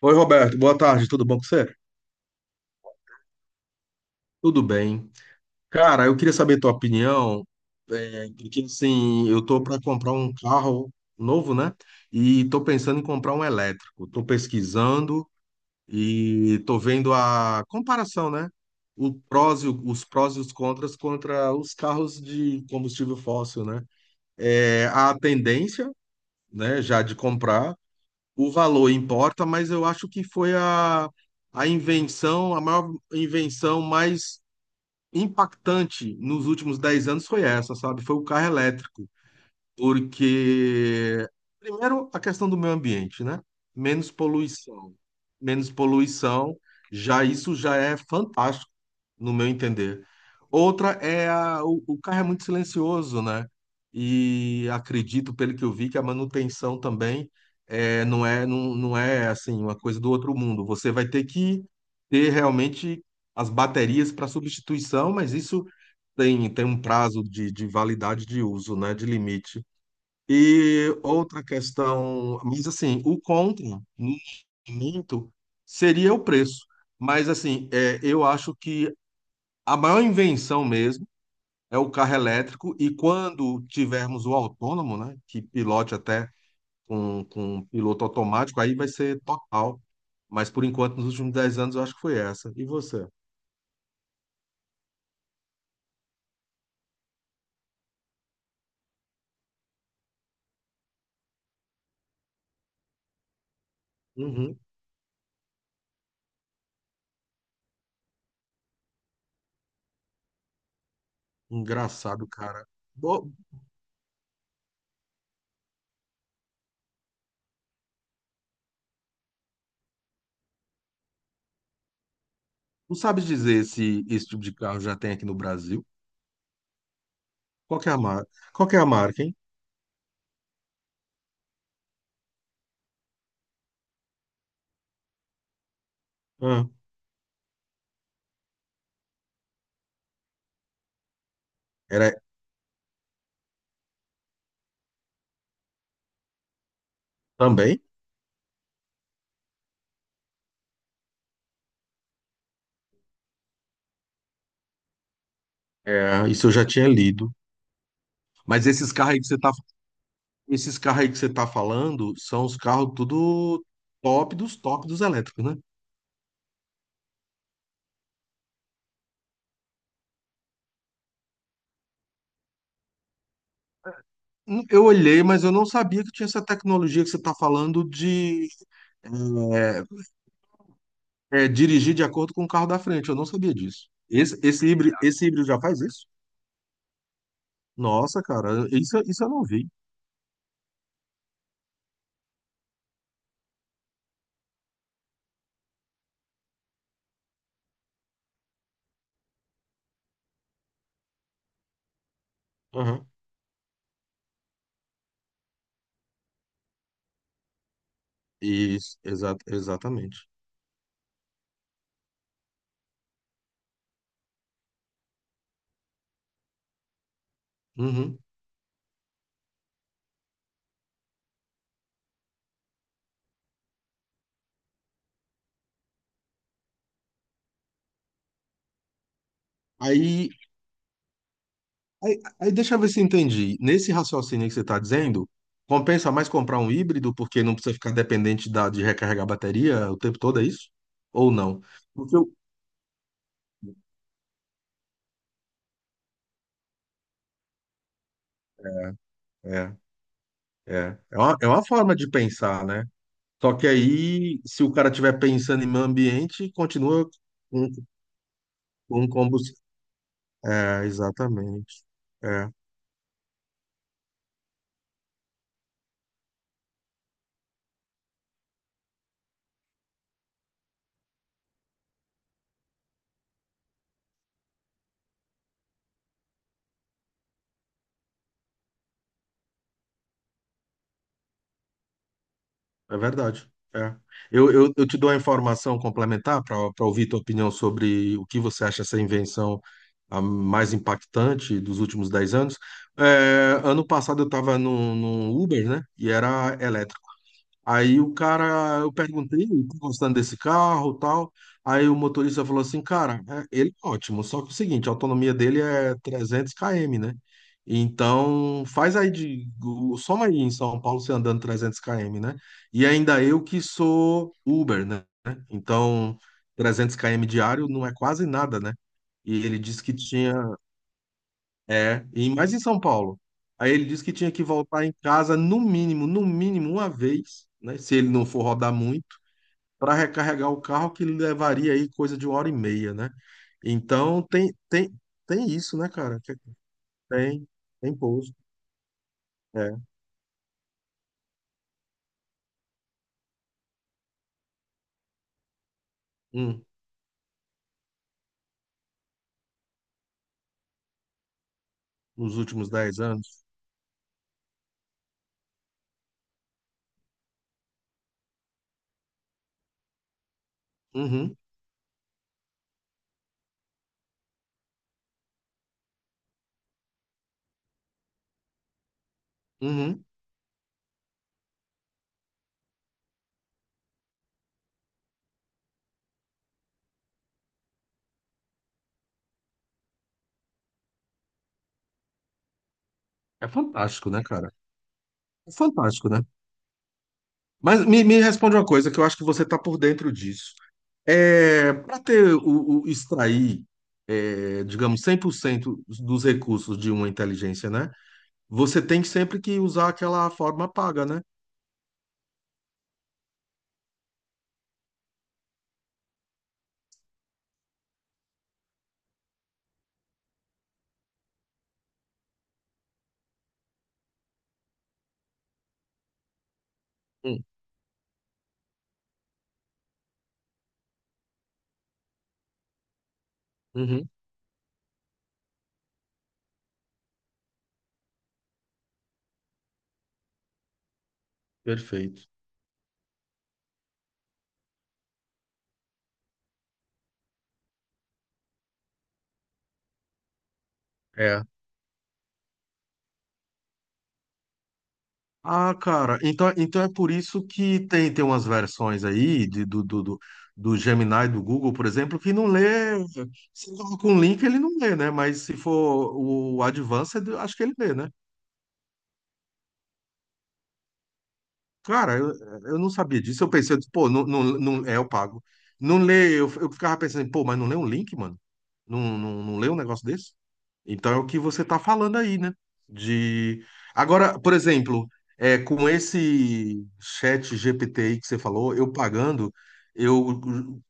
Oi, Roberto, boa tarde, tudo bom com você? Tudo bem. Cara, eu queria saber tua opinião, porque assim, eu tô para comprar um carro novo, né? E tô pensando em comprar um elétrico. Tô pesquisando e tô vendo a comparação, né? O prós e o- Os prós e os contras contra os carros de combustível fóssil, né? É, a tendência, né, já de comprar. O valor importa, mas eu acho que foi a invenção, a maior invenção mais impactante nos últimos 10 anos foi essa, sabe? Foi o carro elétrico. Porque, primeiro, a questão do meio ambiente, né? Menos poluição. Menos poluição, já isso já é fantástico no meu entender. Outra é o carro é muito silencioso, né? E acredito, pelo que eu vi, que a manutenção também é, não é, não é assim uma coisa do outro mundo. Você vai ter que ter realmente as baterias para substituição, mas isso tem um prazo de validade de uso, né? De limite. E outra questão, mas assim, o contra, no momento, seria o preço. Mas assim, é, eu acho que a maior invenção mesmo é o carro elétrico, e quando tivermos o autônomo, né, que pilote até com um piloto automático, aí vai ser total. Mas por enquanto, nos últimos 10 anos, eu acho que foi essa. E você? Uhum. Engraçado, cara. Bo- Não sabe dizer se esse tipo de carro já tem aqui no Brasil? Qual que é a marca? Qual que é a marca, hein? Ah, era também? É, isso eu já tinha lido. Mas esses carros aí que você está Esses carros aí que você tá falando são os carros tudo top dos elétricos, né? Eu olhei, mas eu não sabia que tinha essa tecnologia que você tá falando de dirigir de acordo com o carro da frente. Eu não sabia disso. Esse híbrido já faz isso? Nossa, cara, isso eu não vi. Aham. Isso, exatamente. Uhum. Aí aí deixa eu ver se entendi. Nesse raciocínio que você está dizendo, compensa mais comprar um híbrido porque não precisa ficar dependente de recarregar a bateria o tempo todo, é isso? Ou não? Porque eu- É, é. É uma forma de pensar, né? Só que aí, se o cara estiver pensando em meio ambiente, continua com, com combustível. É, exatamente. É verdade. É. Eu te dou a informação complementar para ouvir tua opinião sobre o que você acha essa invenção a mais impactante dos últimos 10 anos. É, ano passado eu estava num Uber, né? E era elétrico. Aí o cara, eu perguntei, tá gostando desse carro, tal. Aí o motorista falou assim, cara, ele é ótimo, só que é o seguinte, a autonomia dele é 300 km, né? Então, faz aí soma aí em São Paulo você andando 300 km, né? E ainda eu que sou Uber, né? Então, 300 km diário não é quase nada, né? E ele disse que tinha é, e mais em São Paulo. Aí ele disse que tinha que voltar em casa no mínimo, no mínimo uma vez, né? Se ele não for rodar muito, para recarregar o carro que levaria aí coisa de uma hora e meia, né? Então tem tem tem isso, né, cara? Tem tem pouso, é, hum, nos últimos 10 anos. Uhum, uhum. É fantástico, né, cara? É fantástico, né? Mas me responde uma coisa que eu acho que você tá por dentro disso. É, para ter extrair, é, digamos, 100% dos recursos de uma inteligência, né? Você tem sempre que usar aquela forma paga, né? Hum, uhum, perfeito. É. Ah, cara, então é por isso que tem, tem umas versões aí do Gemini do Google, por exemplo, que não lê. Se coloca um link, ele não lê, né? Mas se for o Advanced, acho que ele lê, né? Cara, eu, eu não sabia disso. Eu pensei, eu disse, pô, não, é, eu pago. Não leio, eu ficava pensando, pô, mas não lê um link, mano? Não lê um negócio desse? Então é o que você tá falando aí, né? De. Agora, por exemplo, é, com esse chat GPT aí que você falou, eu pagando, eu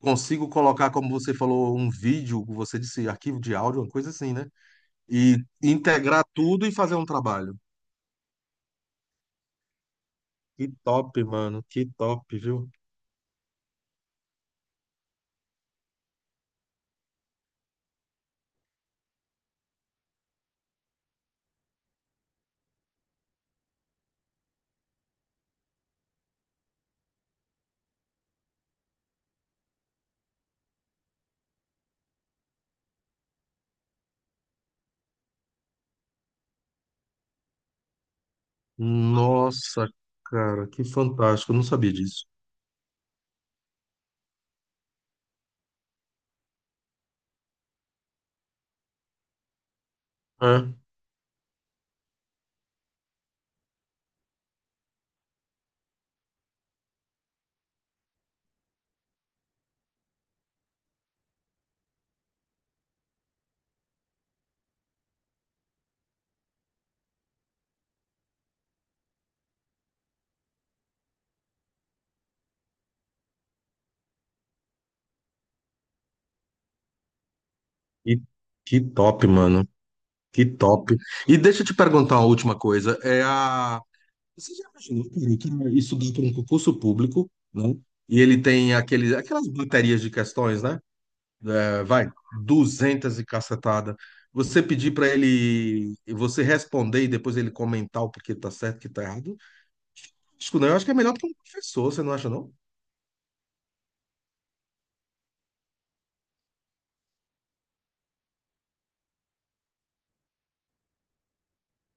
consigo colocar, como você falou, um vídeo, você disse, arquivo de áudio, uma coisa assim, né? E integrar tudo e fazer um trabalho. Que top, mano, que top, viu? Nossa, cara, que fantástico. Eu não sabia disso. É. E que top, mano. Que top. E deixa eu te perguntar uma última coisa. É a... Você já imaginou, cara, que isso dá para um concurso público, né? E ele tem aquele, aquelas baterias de questões, né? É, vai, 200 e cacetada. Você pedir para ele, você responder e depois ele comentar o porquê tá certo, o que tá errado. Acho que não, eu acho que é melhor para um professor, você não acha, não?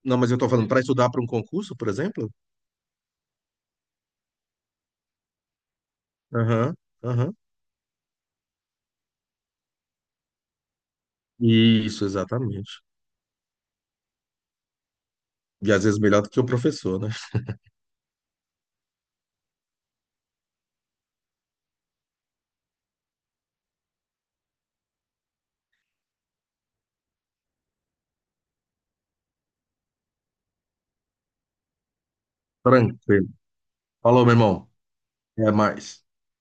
Não, mas eu tô falando para estudar para um concurso, por exemplo? Aham, aham. Isso, exatamente. E às vezes melhor do que o professor, né? Tranquilo. Falou, meu irmão. Até mais.